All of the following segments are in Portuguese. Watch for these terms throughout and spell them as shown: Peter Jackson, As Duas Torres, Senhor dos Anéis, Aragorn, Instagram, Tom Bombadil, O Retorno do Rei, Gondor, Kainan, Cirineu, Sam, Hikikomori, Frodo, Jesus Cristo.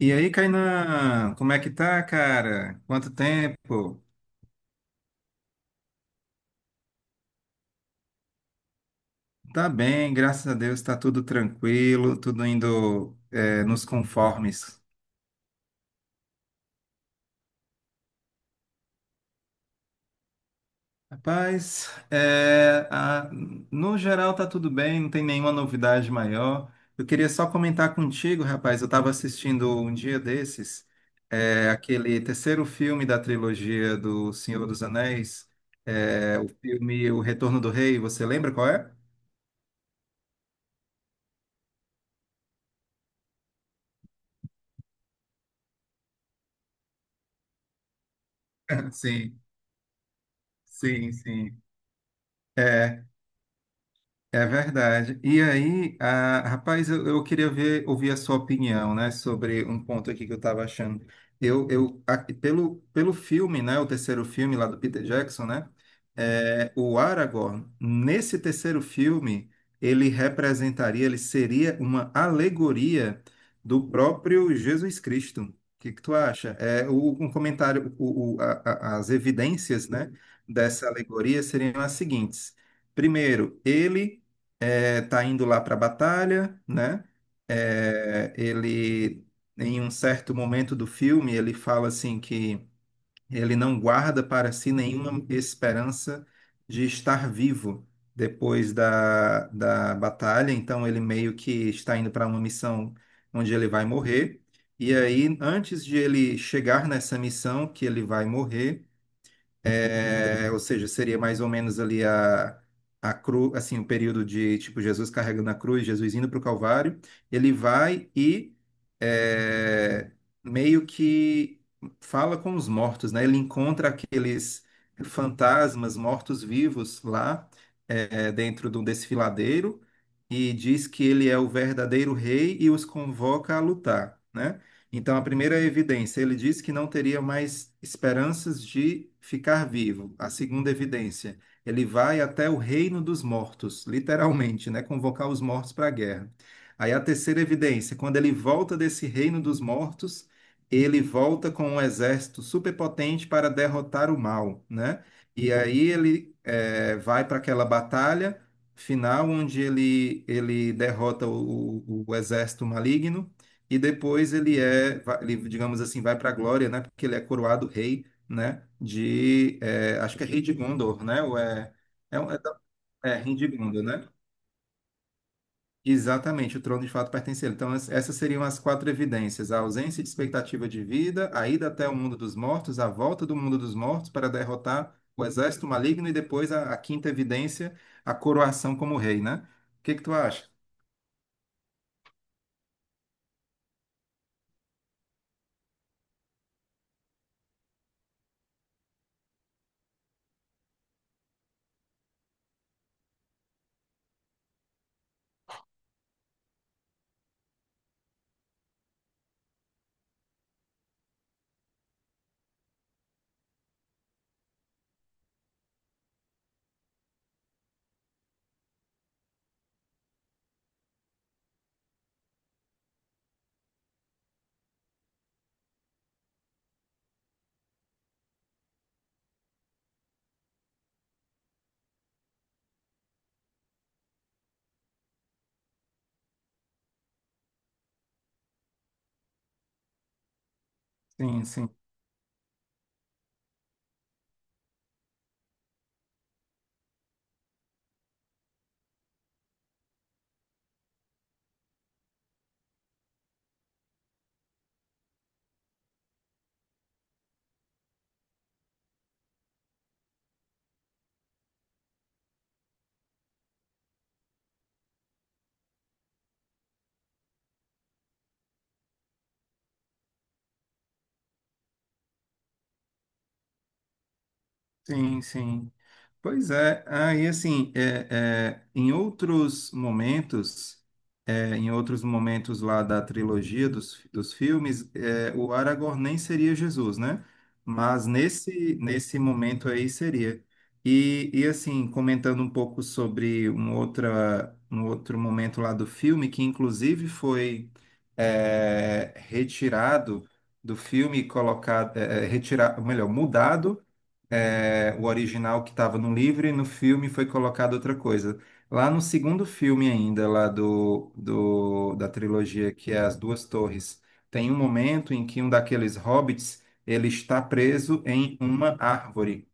E aí, Kainan, como é que tá, cara? Quanto tempo? Tá bem, graças a Deus, tá tudo tranquilo, tudo indo nos conformes. Rapaz, no geral tá tudo bem, não tem nenhuma novidade maior. Eu queria só comentar contigo, rapaz, eu estava assistindo um dia desses, aquele terceiro filme da trilogia do Senhor dos Anéis, o filme O Retorno do Rei, você lembra qual é? Sim, sim, sim. É. É verdade. E aí, ah, rapaz, eu queria ver, ouvir a sua opinião, né, sobre um ponto aqui que eu estava achando. Pelo filme, né, o terceiro filme lá do Peter Jackson, né, o Aragorn, nesse terceiro filme, ele representaria, ele seria uma alegoria do próprio Jesus Cristo. O que que tu acha? Um comentário, as evidências, né, dessa alegoria seriam as seguintes. Primeiro, ele tá indo lá para a batalha, né? É, ele, Em um certo momento do filme, ele fala assim que ele não guarda para si nenhuma esperança de estar vivo depois da batalha, então ele meio que está indo para uma missão onde ele vai morrer. E aí, antes de ele chegar nessa missão que ele vai morrer, ou seja, seria mais ou menos ali a cruz, assim, o período de, tipo, Jesus carregando a cruz, Jesus indo para o Calvário, ele vai e é, meio que fala com os mortos, né? Ele encontra aqueles fantasmas mortos-vivos lá dentro de um desfiladeiro e diz que ele é o verdadeiro rei e os convoca a lutar, né? Então, a primeira evidência, ele disse que não teria mais esperanças de ficar vivo. A segunda evidência, ele vai até o reino dos mortos, literalmente, né? Convocar os mortos para a guerra. Aí a terceira evidência, quando ele volta desse reino dos mortos, ele volta com um exército superpotente para derrotar o mal, né? E aí ele vai para aquela batalha final onde ele derrota o exército maligno e depois ele, digamos assim, vai para a glória, né? Porque ele é coroado rei, né? Acho que é rei de Gondor, né? Ou é, é, um- é, é, rei de Gondor, né? Exatamente, o trono de fato pertence a ele. Então, essas seriam as quatro evidências: a ausência de expectativa de vida, a ida até o mundo dos mortos, a volta do mundo dos mortos para derrotar o exército maligno e depois a quinta evidência, a coroação como rei, né? O que que tu acha? Sim, sim, sim, sim. Pois é, aí assim, em outros momentos lá da trilogia dos filmes, o Aragorn nem seria Jesus, né? Mas nesse momento aí seria. E assim, comentando um pouco sobre um outro momento lá do filme, que inclusive foi retirado do filme, colocado, retirado, melhor, mudado o original que estava no livro e no filme foi colocada outra coisa. Lá no segundo filme ainda, lá da trilogia, que é As Duas Torres, tem um momento em que um daqueles hobbits ele está preso em uma árvore.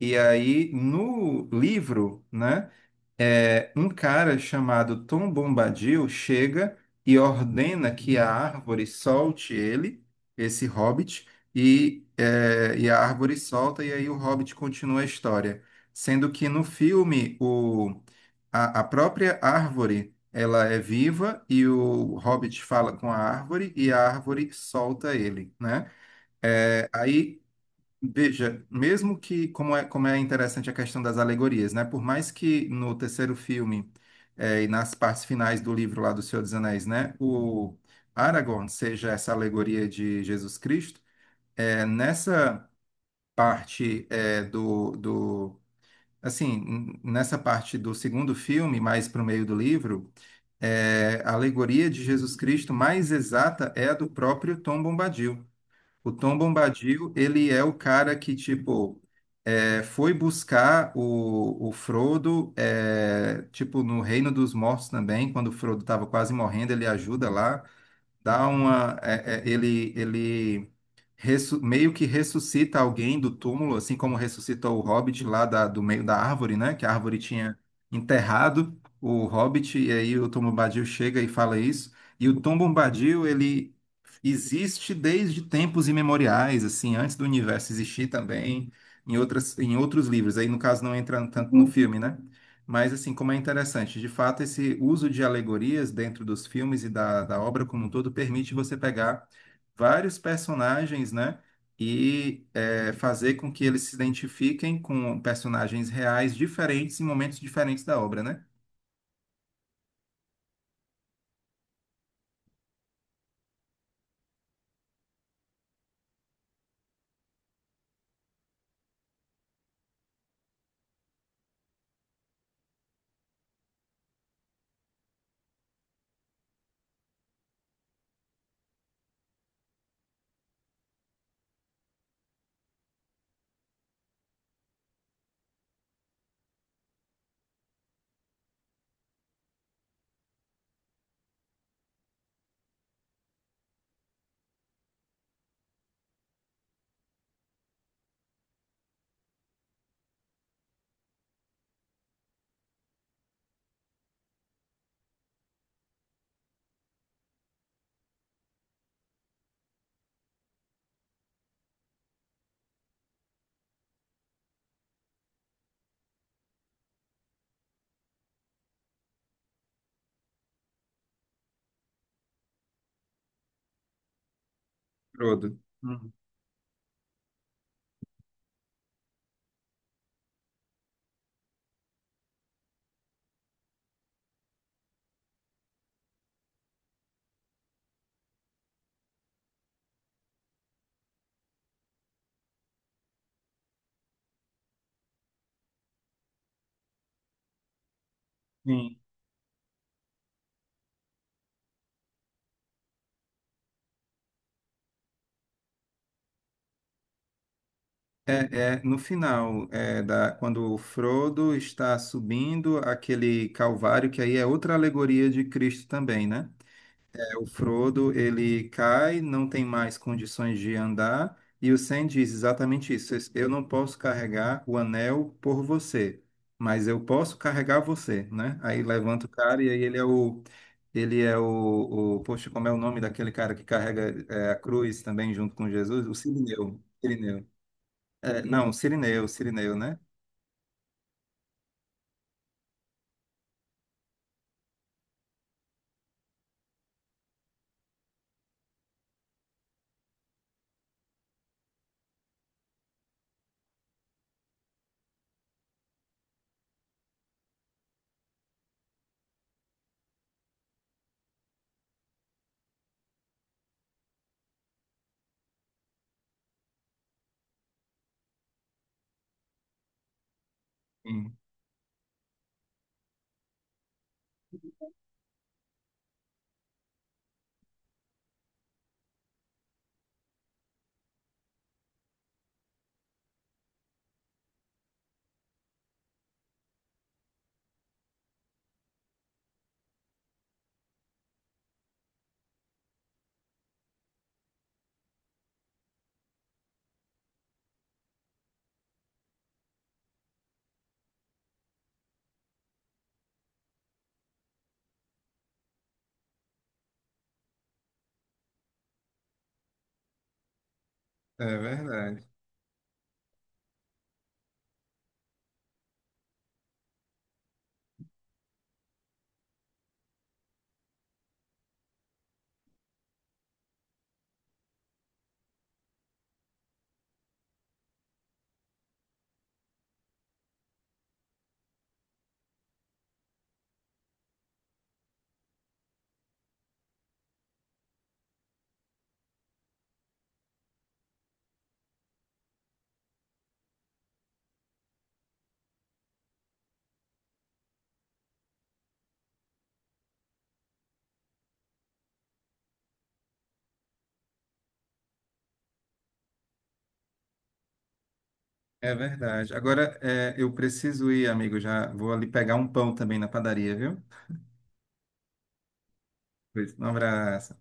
E aí, no livro, né, um cara chamado Tom Bombadil chega e ordena que a árvore solte ele, esse hobbit, e a árvore solta, e aí o hobbit continua a história. Sendo que no filme, a própria árvore ela é viva e o hobbit fala com a árvore e a árvore solta ele, né? Aí, veja, mesmo que, como é interessante a questão das alegorias, né? Por mais que no terceiro filme e nas partes finais do livro lá do Senhor dos Anéis, né? O Aragorn seja essa alegoria de Jesus Cristo, nessa parte Assim, nessa parte do segundo filme, mais para o meio do livro, a alegoria de Jesus Cristo mais exata é a do próprio Tom Bombadil. O Tom Bombadil, ele é o cara que, tipo, foi buscar o Frodo, tipo, no Reino dos Mortos também, quando o Frodo estava quase morrendo, ele ajuda lá, dá uma... é, é, ele ressu- meio que ressuscita alguém do túmulo, assim como ressuscitou o Hobbit lá do meio da árvore, né? Que a árvore tinha enterrado o Hobbit, e aí o Tom Bombadil chega e fala isso. E o Tom Bombadil, ele existe desde tempos imemoriais, assim, antes do universo existir também, em outros livros. Aí, no caso, não entra tanto no filme, né? Mas, assim, como é interessante, de fato, esse uso de alegorias dentro dos filmes e da obra como um todo permite você pegar vários personagens, né? E fazer com que eles se identifiquem com personagens reais diferentes em momentos diferentes da obra, né? Frodo. Uhum. Sim. É, no final, quando o Frodo está subindo aquele calvário, que aí é outra alegoria de Cristo também, né? O Frodo, ele cai, não tem mais condições de andar, e o Sam diz exatamente isso: eu não posso carregar o anel por você, mas eu posso carregar você, né? Aí levanta o cara e aí ele é o poxa, como é o nome daquele cara que carrega a cruz também junto com Jesus? O Cirineu. Cirineu. É, não, Cirineu, Cirineu, né? Sim, é verdade. É verdade. Agora, eu preciso ir, amigo, já vou ali pegar um pão também na padaria, viu? Pois. Um abraço.